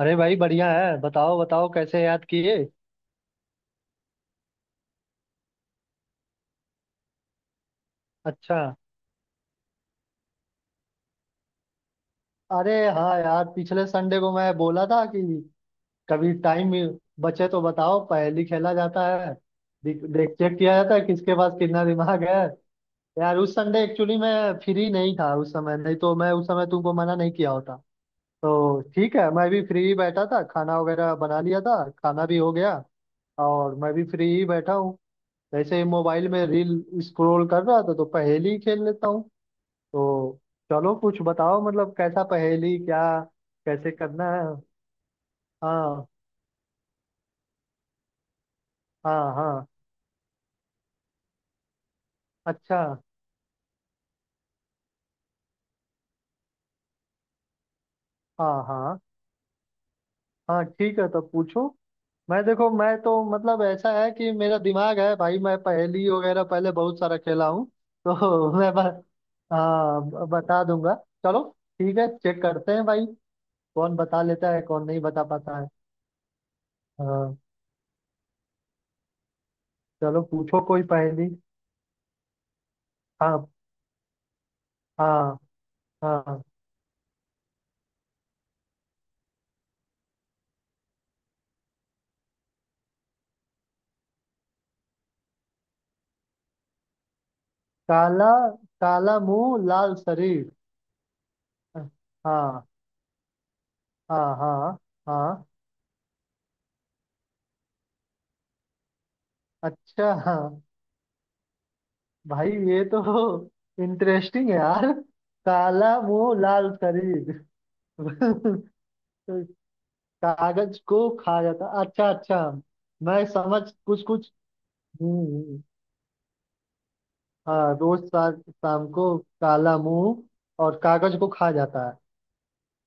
अरे भाई बढ़िया है। बताओ बताओ कैसे याद किए। अच्छा, अरे हाँ यार, पिछले संडे को मैं बोला था कि कभी टाइम बचे तो बताओ, पहेली खेला जाता है। देख देख- चेक किया जाता है किसके पास कितना दिमाग है। यार उस संडे एक्चुअली मैं फ्री नहीं था, उस समय नहीं तो मैं उस समय तुमको मना नहीं किया होता। तो ठीक है, मैं भी फ्री ही बैठा था, खाना वगैरह बना लिया था, खाना भी हो गया। और मैं भी फ्री ही बैठा हूँ, ऐसे ही मोबाइल में रील स्क्रॉल कर रहा था, तो पहेली ही खेल लेता हूँ। तो चलो कुछ बताओ, मतलब कैसा पहेली, क्या कैसे करना है। हाँ हाँ हाँ। अच्छा। हाँ हाँ हाँ ठीक है, तो पूछो। मैं देखो, मैं तो मतलब ऐसा है कि मेरा दिमाग है भाई, मैं पहेली वगैरह पहले बहुत सारा खेला हूँ। तो मैं बस, हाँ बता दूंगा। चलो ठीक है, चेक करते हैं भाई कौन बता लेता है कौन नहीं बता पाता है। हाँ, चलो पूछो कोई पहेली। हाँ हाँ हाँ। काला, काला मुंह लाल शरीर। हाँ हाँ हाँ हाँ। अच्छा हाँ। भाई ये तो इंटरेस्टिंग है यार। काला मुंह लाल शरीर, कागज को खा जाता। अच्छा अच्छा। मैं समझ कुछ कुछ। हम्म हम्म, हाँ रोज शाम शाम को काला मुंह और कागज को खा जाता है।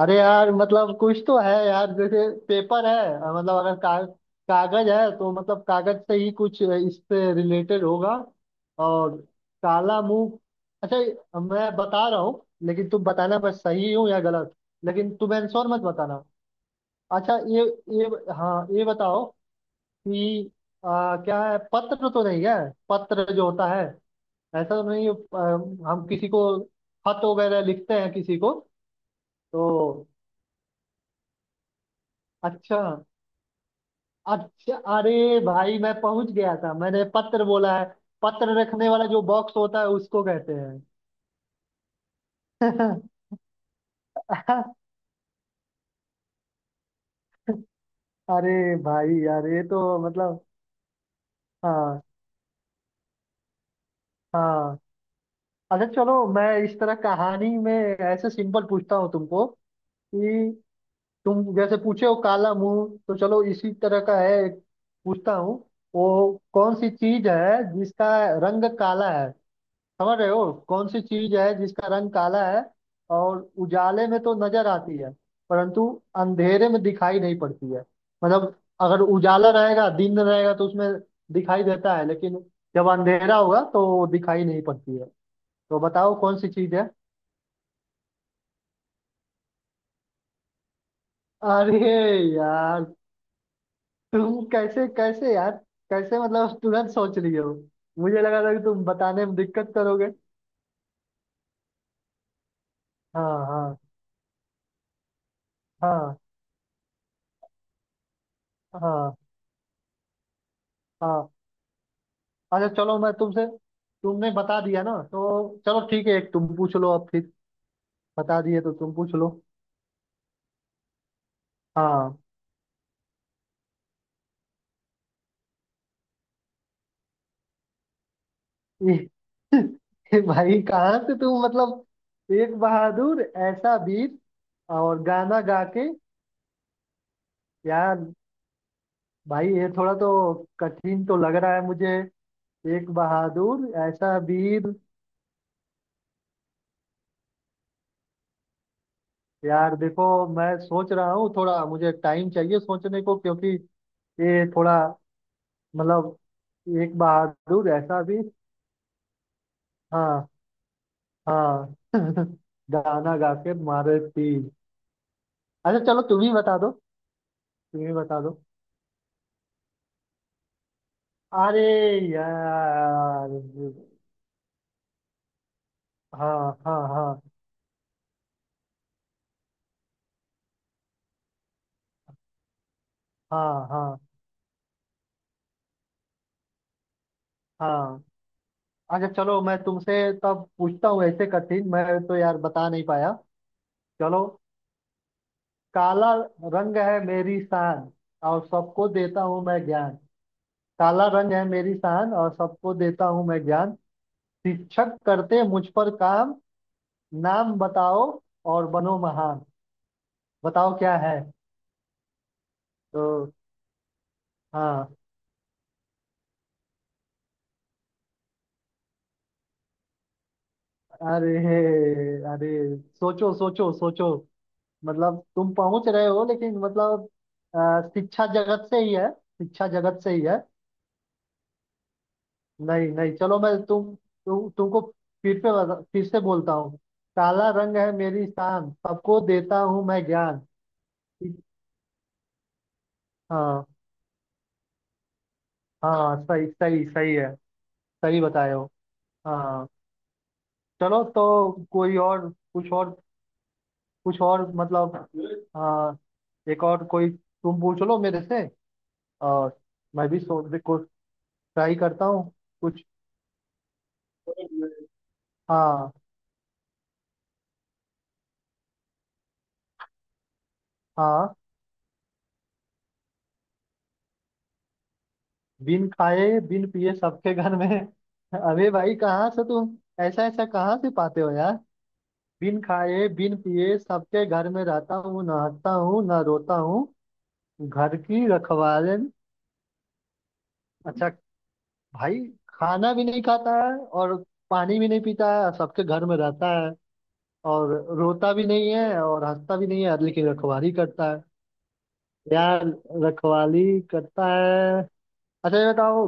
अरे यार मतलब कुछ तो है यार, जैसे पेपर है, मतलब अगर का, कागज है तो मतलब कागज से ही कुछ इससे रिलेटेड होगा। और काला मुंह। अच्छा मैं बता रहा हूँ, लेकिन तुम बताना मैं सही हूँ या गलत। लेकिन तुम आंसर मत बताना। अच्छा ये, हाँ ये बताओ कि क्या है, पत्र तो नहीं है? पत्र जो होता है, ऐसा तो नहीं है, हम किसी को खत वगैरह लिखते हैं किसी को। तो अच्छा अच्छा। अरे भाई मैं पहुंच गया था, मैंने पत्र बोला है। पत्र रखने वाला जो बॉक्स होता है उसको कहते हैं। अरे भाई यार ये तो मतलब। हाँ हाँ। अच्छा चलो मैं इस तरह कहानी में ऐसे सिंपल पूछता हूँ तुमको कि तुम जैसे पूछे हो काला मुंह, तो चलो इसी तरह का है एक पूछता हूँ। वो कौन सी चीज है जिसका रंग काला है? समझ रहे हो, कौन सी चीज है जिसका रंग काला है और उजाले में तो नजर आती है, परंतु अंधेरे में दिखाई नहीं पड़ती है? मतलब अगर उजाला रहेगा, दिन रहेगा, तो उसमें दिखाई देता है, लेकिन जब अंधेरा होगा तो दिखाई नहीं पड़ती है। तो बताओ कौन सी चीज है। अरे यार तुम कैसे कैसे यार, कैसे मतलब तुरंत सोच लिए हो। मुझे लगा था कि तुम बताने में दिक्कत करोगे। हाँ हाँ। हाँ हाँ हाँ। अच्छा चलो मैं तुमसे, तुमने बता दिया ना तो चलो ठीक है, एक तुम पूछ लो अब फिर। बता दिए तो तुम पूछ लो। हाँ। ये ये भाई कहाँ से तुम, मतलब एक बहादुर ऐसा वीर। और गाना गा के। यार, भाई ये थोड़ा तो कठिन तो लग रहा है मुझे। एक बहादुर ऐसा वीर। यार देखो मैं सोच रहा हूँ, थोड़ा मुझे टाइम चाहिए सोचने को, क्योंकि ये थोड़ा मतलब। एक बहादुर ऐसा वीर। हाँ। हाँ गाना गा के मारे तीर। अच्छा चलो तुम ही बता दो। तुम ही बता दो। अरे यार। हाँ हाँ हाँ। हाँ हाँ हाँ। अच्छा चलो मैं तुमसे तब पूछता हूँ, ऐसे कठिन मैं तो यार बता नहीं पाया। चलो। काला रंग है मेरी शान, और सबको देता हूँ मैं ज्ञान। काला रंग है मेरी शान, और सबको देता हूँ मैं ज्ञान। शिक्षक करते मुझ पर काम, नाम बताओ और बनो महान। बताओ क्या है। तो। हाँ। अरे अरे, सोचो सोचो सोचो। मतलब तुम पहुंच रहे हो लेकिन मतलब, शिक्षा जगत से ही है, शिक्षा जगत से ही है। नहीं नहीं, चलो मैं तुम तुमको फिर फिर से बोलता हूँ। काला रंग है मेरी शान, सबको देता हूँ मैं ज्ञान। हाँ हाँ, सही सही सही है। सही बताए हो। हाँ। चलो तो कोई और, कुछ और। कुछ और मतलब, आ, एक और कोई तुम पूछ लो मेरे से, और मैं भी सोच को ट्राई करता हूँ कुछ। हाँ। हाँ। बिन खाए बिन पिए सबके घर में। अरे भाई कहाँ से तुम ऐसा ऐसा कहाँ से पाते हो यार। बिन खाए बिन पिए सबके घर में रहता हूँ, ना हंसता हूँ ना रोता हूँ, घर की रखवालन। अच्छा भाई, खाना भी नहीं खाता है और पानी भी नहीं पीता है और सबके घर में रहता है, और रोता भी नहीं है और हंसता भी नहीं है, लेकिन रखवाली करता है। यार, रखवाली करता है। अच्छा ये बताओ,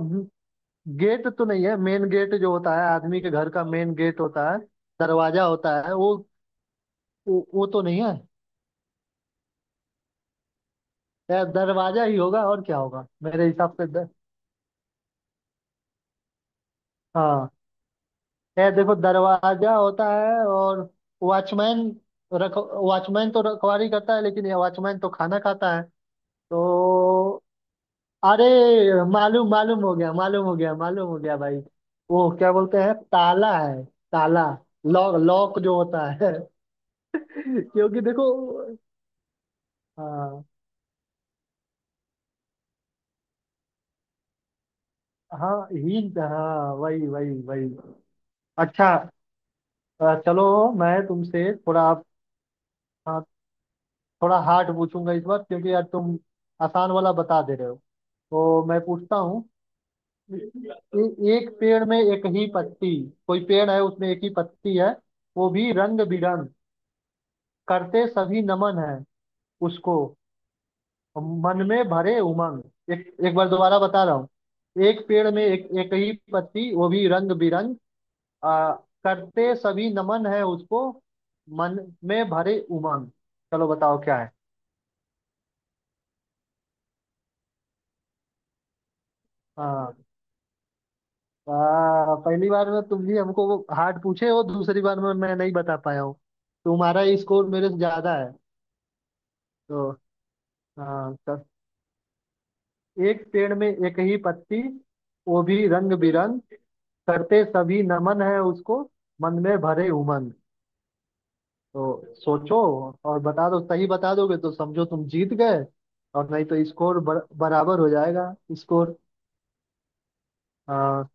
गेट तो नहीं है, मेन गेट जो होता है, आदमी के घर का मेन गेट होता है, दरवाजा होता है, वो, वो तो नहीं है? यार दरवाजा ही होगा और क्या होगा मेरे हिसाब से, हाँ। यार देखो दरवाजा होता है और वॉचमैन, रख वॉचमैन तो रखवाली करता है, लेकिन ये वॉचमैन तो खाना खाता है। तो, अरे मालूम मालूम हो गया, मालूम हो गया, मालूम हो गया भाई। वो क्या बोलते हैं, ताला है, ताला। लॉक, लॉक जो होता है। क्योंकि देखो। हाँ। हाँ हिंट हाँ, वही वही वही। अच्छा, चलो मैं तुमसे थोड़ा, हाँ, थोड़ा हार्ड पूछूंगा इस बार क्योंकि यार तुम आसान वाला बता दे रहे हो। तो मैं पूछता हूँ, एक पेड़ में एक ही पत्ती, कोई पेड़ है उसमें एक ही पत्ती है, वो भी रंग बिरंग, करते सभी नमन है उसको, मन में भरे उमंग। एक एक बार दोबारा बता रहा हूँ। एक पेड़ में एक एक ही पत्ती, वो भी रंग बिरंग, आ, करते सभी नमन है उसको, मन में भरे उमंग। चलो बताओ क्या है। हाँ। पहली बार में तुम भी हमको हार्ड पूछे हो, दूसरी बार में मैं नहीं बता पाया हूँ, तुम्हारा स्कोर मेरे से ज्यादा है। तो हाँ, एक पेड़ में एक ही पत्ती, वो भी रंग बिरंग, करते सभी नमन है उसको, मन में भरे उमंग। तो सोचो और बता दो, सही बता दोगे तो समझो तुम जीत गए, और नहीं तो स्कोर बराबर हो जाएगा। स्कोर। हाँ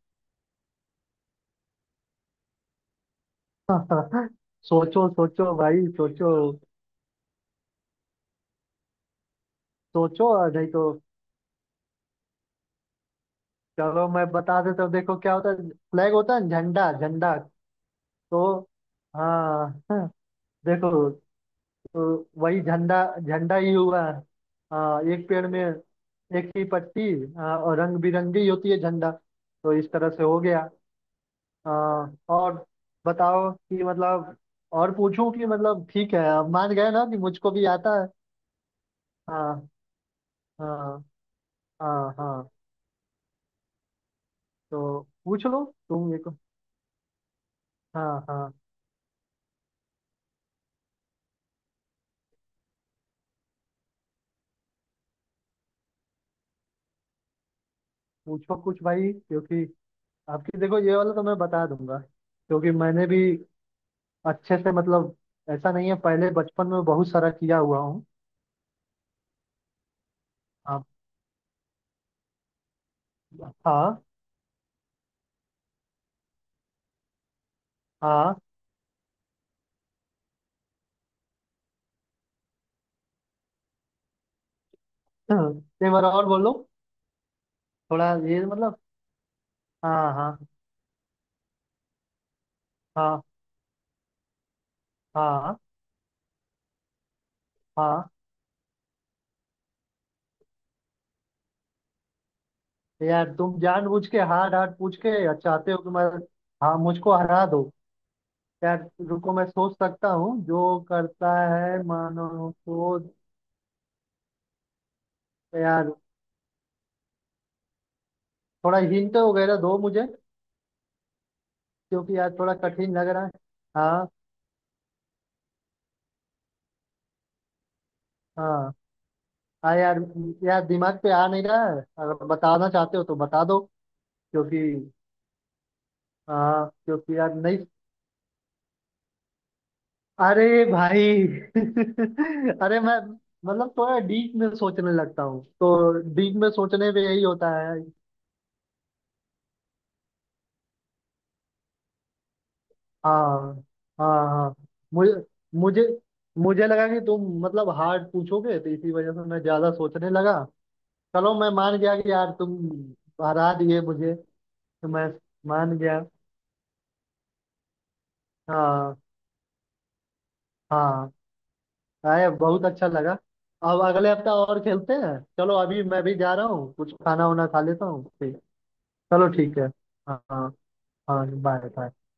सोचो सोचो भाई सोचो। सोचो और नहीं तो चलो मैं बता देता हूँ। देखो क्या होता है, फ्लैग होता है ना, झंडा झंडा। तो हाँ देखो, तो वही झंडा, झंडा ही हुआ। हाँ एक पेड़ में एक ही पत्ती, हाँ, और रंग बिरंगी होती है झंडा, तो इस तरह से हो गया। हाँ, और बताओ कि मतलब, और पूछूं कि मतलब, ठीक है अब मान गए ना कि मुझको भी आता है। हाँ हाँ। हाँ हाँ। तो पूछ लो तुम एक। हाँ हाँ। पूछो कुछ भाई, क्योंकि आपकी देखो ये वाला तो मैं बता दूंगा क्योंकि मैंने भी अच्छे से मतलब, ऐसा नहीं है पहले, बचपन में बहुत सारा किया हुआ हूँ। आप। हाँ हाँ। एक बार और बोलो। थोड़ा ये मतलब। हाँ हाँ हाँ। हाँ। हाँ यार तुम जानबूझ के हार्ड हार्ड पूछ के चाहते हो कि मैं, हाँ मुझको हरा दो। यार रुको, मैं सोच सकता हूँ, जो करता है मानो तो। यार थोड़ा हिंट वगैरह दो मुझे, क्योंकि यार थोड़ा कठिन लग रहा है। हाँ। हाँ। हाँ यार, यार दिमाग पे आ नहीं रहा है, अगर बताना चाहते हो तो बता दो। क्योंकि हाँ, क्योंकि यार नहीं। अरे भाई अरे मैं मतलब थोड़ा डीप में सोचने लगता हूँ तो डीप में सोचने पे यही होता है। हाँ हाँ हाँ मुझे, मुझे, मुझे लगा कि तुम मतलब हार्ड पूछोगे, तो इसी वजह से मैं ज्यादा सोचने लगा। चलो मैं मान गया कि यार तुम हरा दिए मुझे, तो मैं मान गया। हाँ। हाँ। अरे बहुत अच्छा लगा। अब अगले हफ्ते और खेलते हैं, चलो अभी मैं भी जा रहा हूँ, कुछ खाना वाना खा लेता हूँ, ठीक। चलो ठीक है। हाँ हाँ। हाँ बाय बाय।